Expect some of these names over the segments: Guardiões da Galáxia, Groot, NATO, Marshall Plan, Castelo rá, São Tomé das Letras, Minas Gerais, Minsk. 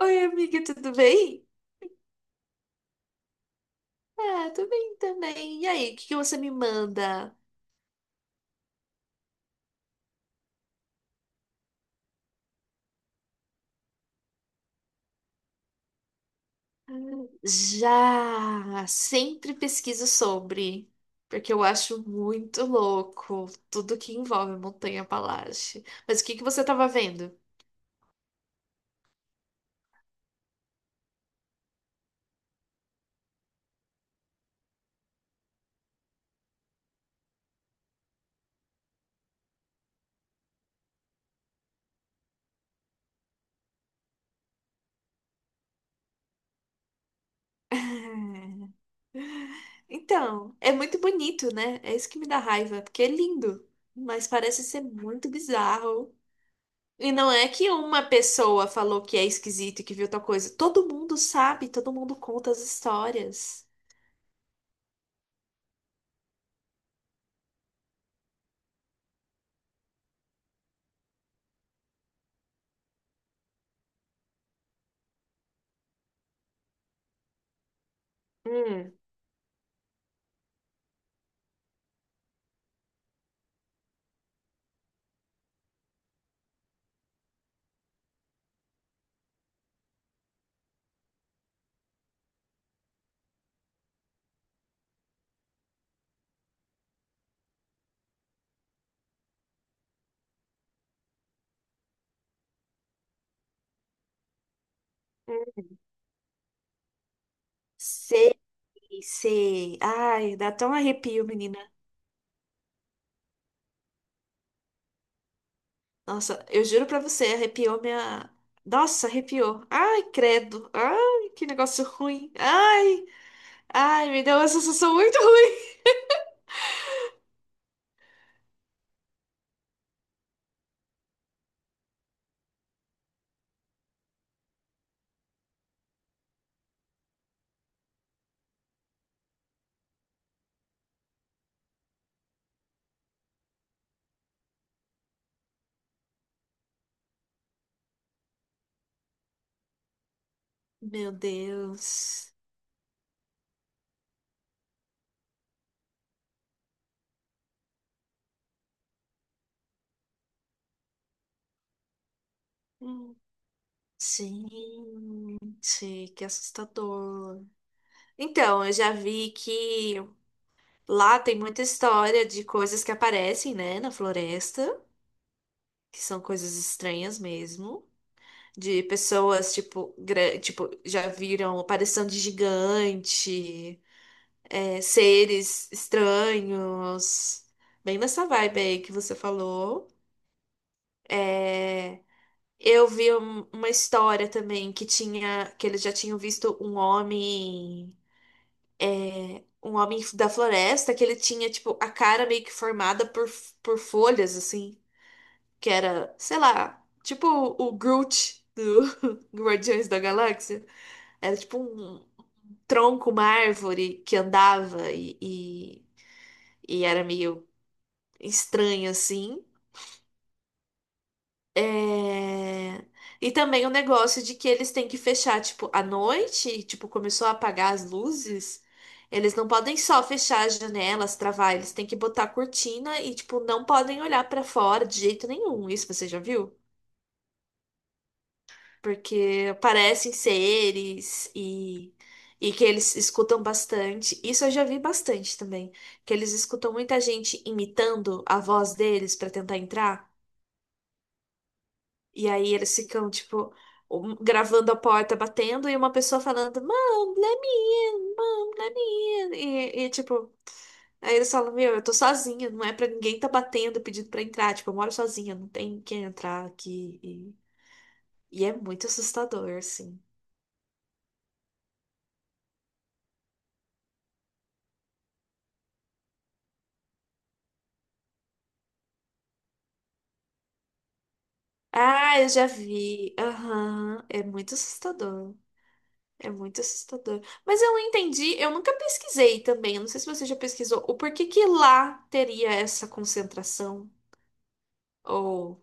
Oi, amiga, tudo bem? Ah, tô bem também. E aí, o que que você me manda? Já sempre pesquiso sobre, porque eu acho muito louco tudo que envolve montanha-palácio. Mas o que que você tava vendo? Ah, então, é muito bonito, né? É isso que me dá raiva, porque é lindo, mas parece ser muito bizarro. E não é que uma pessoa falou que é esquisito e que viu tal coisa. Todo mundo sabe, todo mundo conta as histórias. Hum, hum. Sei, sei. Ai, dá até um arrepio, menina. Nossa, eu juro pra você, arrepiou minha. Nossa, arrepiou. Ai, credo. Ai, que negócio ruim. Ai, ai, me deu uma sensação muito ruim. Meu Deus. Hum. Gente, que assustador. Então, eu já vi que lá tem muita história de coisas que aparecem, né, na floresta, que são coisas estranhas mesmo. De pessoas, tipo, tipo, já viram aparição de gigante, é, seres estranhos, bem nessa vibe aí que você falou. É, eu vi uma história também que tinha, que eles já tinham visto um homem da floresta que ele tinha, tipo, a cara meio que formada por folhas, assim, que era, sei lá, tipo o Groot do Guardiões da Galáxia. Era tipo um, tronco, uma árvore que andava e era meio estranho assim. É, e também o negócio de que eles têm que fechar, tipo, à noite, tipo, começou a apagar as luzes. Eles não podem só fechar as janelas, travar, eles têm que botar a cortina e, tipo, não podem olhar pra fora de jeito nenhum. Isso você já viu? Porque parecem seres e que eles escutam bastante. Isso eu já vi bastante também, que eles escutam muita gente imitando a voz deles para tentar entrar, e aí eles ficam, tipo, gravando a porta batendo e uma pessoa falando, Mom, let me in, Mom, let me in, e tipo... Aí eles falam, meu, eu tô sozinha, não é pra ninguém tá batendo pedindo pra entrar, tipo, eu moro sozinha, não tem quem entrar aqui. E é muito assustador, assim. Ah, eu já vi. Aham. É muito assustador. É muito assustador. Mas eu não entendi, eu nunca pesquisei também. Eu não sei se você já pesquisou o porquê que lá teria essa concentração ou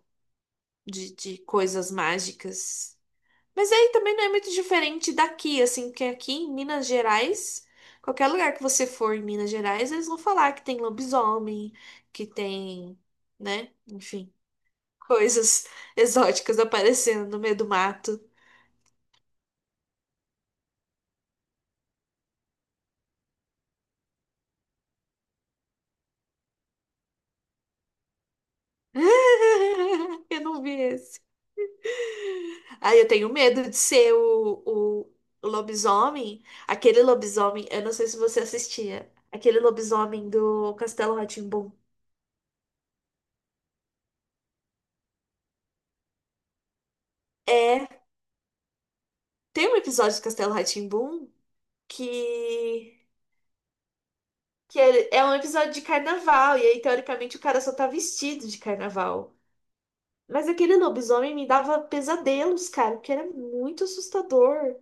de coisas mágicas. Mas aí também não é muito diferente daqui, assim, porque aqui em Minas Gerais, qualquer lugar que você for em Minas Gerais, eles vão falar que tem lobisomem, que tem, né, enfim, coisas exóticas aparecendo no meio do mato. Eu não vi esse. Aí eu tenho medo de ser o lobisomem. Aquele lobisomem, eu não sei se você assistia. Aquele lobisomem do Castelo Rá. É, tem um episódio do Castelo Rá que, que é um episódio de carnaval. E aí, teoricamente, o cara só tá vestido de carnaval. Mas aquele lobisomem me dava pesadelos, cara, porque era muito assustador.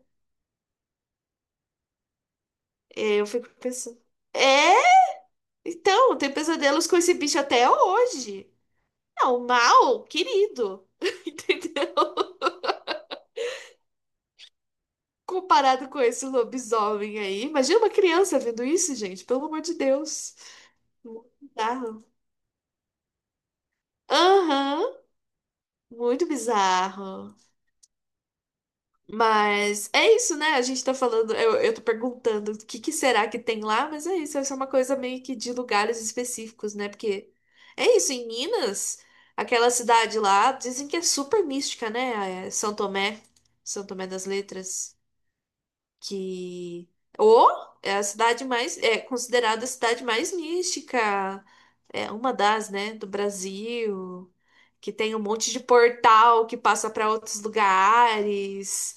É, eu fico pensando. É, então, tem pesadelos com esse bicho até hoje. Não, mal, querido. Entendeu? Comparado com esse lobisomem aí. Imagina uma criança vendo isso, gente. Pelo amor de Deus. Muito bizarro. Aham, muito bizarro. Mas é isso, né? A gente tá falando, eu tô perguntando o que que será que tem lá, mas é isso, essa é uma coisa meio que de lugares específicos, né? Porque é isso, em Minas, aquela cidade lá, dizem que é super mística, né? É São Tomé, São Tomé das Letras que ou é a cidade mais é considerada a cidade mais mística, é uma das, né, do Brasil, que tem um monte de portal que passa para outros lugares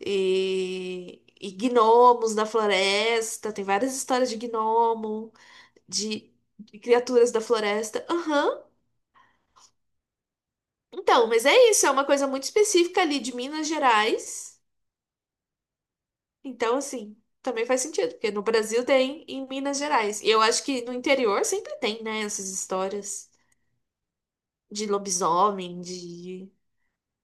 e gnomos da floresta, tem várias histórias de gnomo, de, de criaturas da floresta. Aham. Então, mas é isso, é uma coisa muito específica ali de Minas Gerais. Então, assim, também faz sentido, porque no Brasil tem, em Minas Gerais. E eu acho que no interior sempre tem, né, essas histórias de lobisomem, de,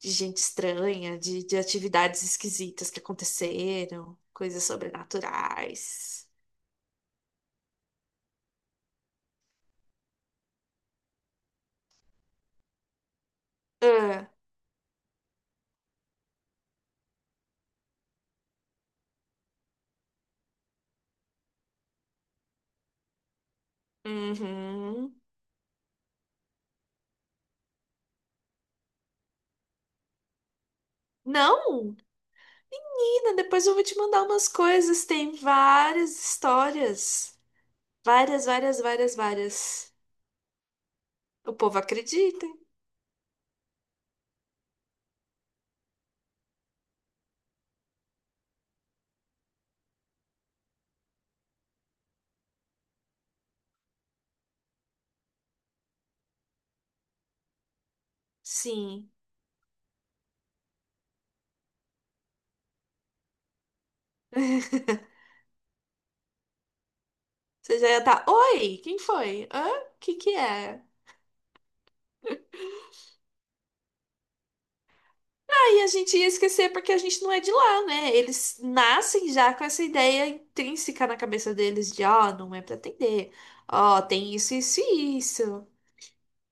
de gente estranha, de atividades esquisitas que aconteceram, coisas sobrenaturais. Ah, uhum. Não, menina, depois eu vou te mandar umas coisas. Tem várias histórias. Várias, várias, várias, várias. O povo acredita. Sim. Você já ia estar, oi, quem foi? Hã? O que que é? Aí a gente ia esquecer porque a gente não é de lá, né? Eles nascem já com essa ideia intrínseca na cabeça deles de, ó, não é pra atender. Ó, tem isso, isso e isso.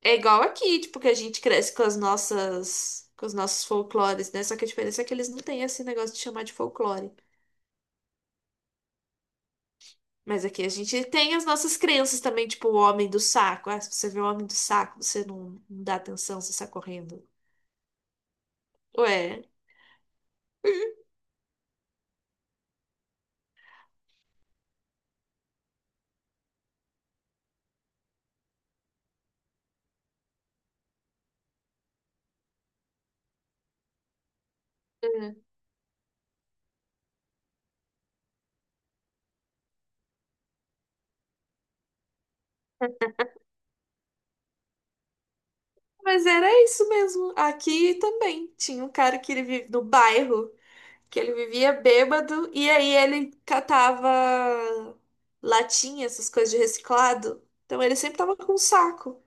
É igual aqui, tipo, que a gente cresce com as nossas, com os nossos folclores, né? Só que a diferença é que eles não têm esse negócio de chamar de folclore. Mas aqui a gente tem as nossas crenças também, tipo, o homem do saco. Ah, se você vê o homem do saco, você não, não dá atenção, você sai correndo. Ué. Mas era isso mesmo. Aqui também tinha um cara que ele vive no bairro, que ele vivia bêbado e aí ele catava latinha, essas coisas de reciclado. Então ele sempre tava com um saco.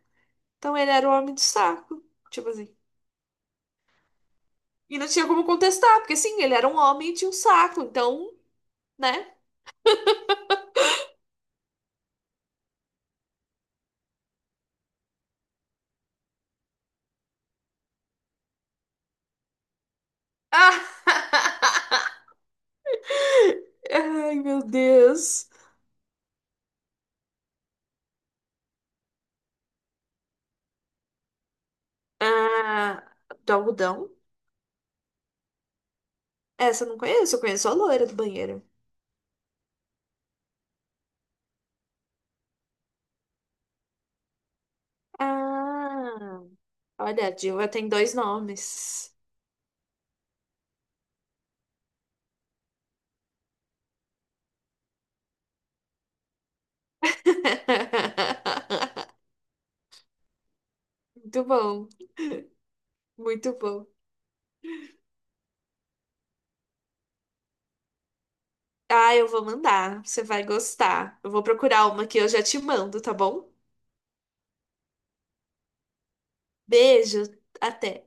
Então ele era o homem do saco, tipo assim. E não tinha como contestar, porque sim, ele era um homem e tinha um saco, então, né? Ai, meu Deus. Ah, do algodão? Essa eu não conheço, eu conheço a loira do banheiro. Ah. Olha, a Dilma tem dois nomes. Muito bom, muito bom. Ah, eu vou mandar, você vai gostar. Eu vou procurar uma que eu já te mando, tá bom? Beijo, até.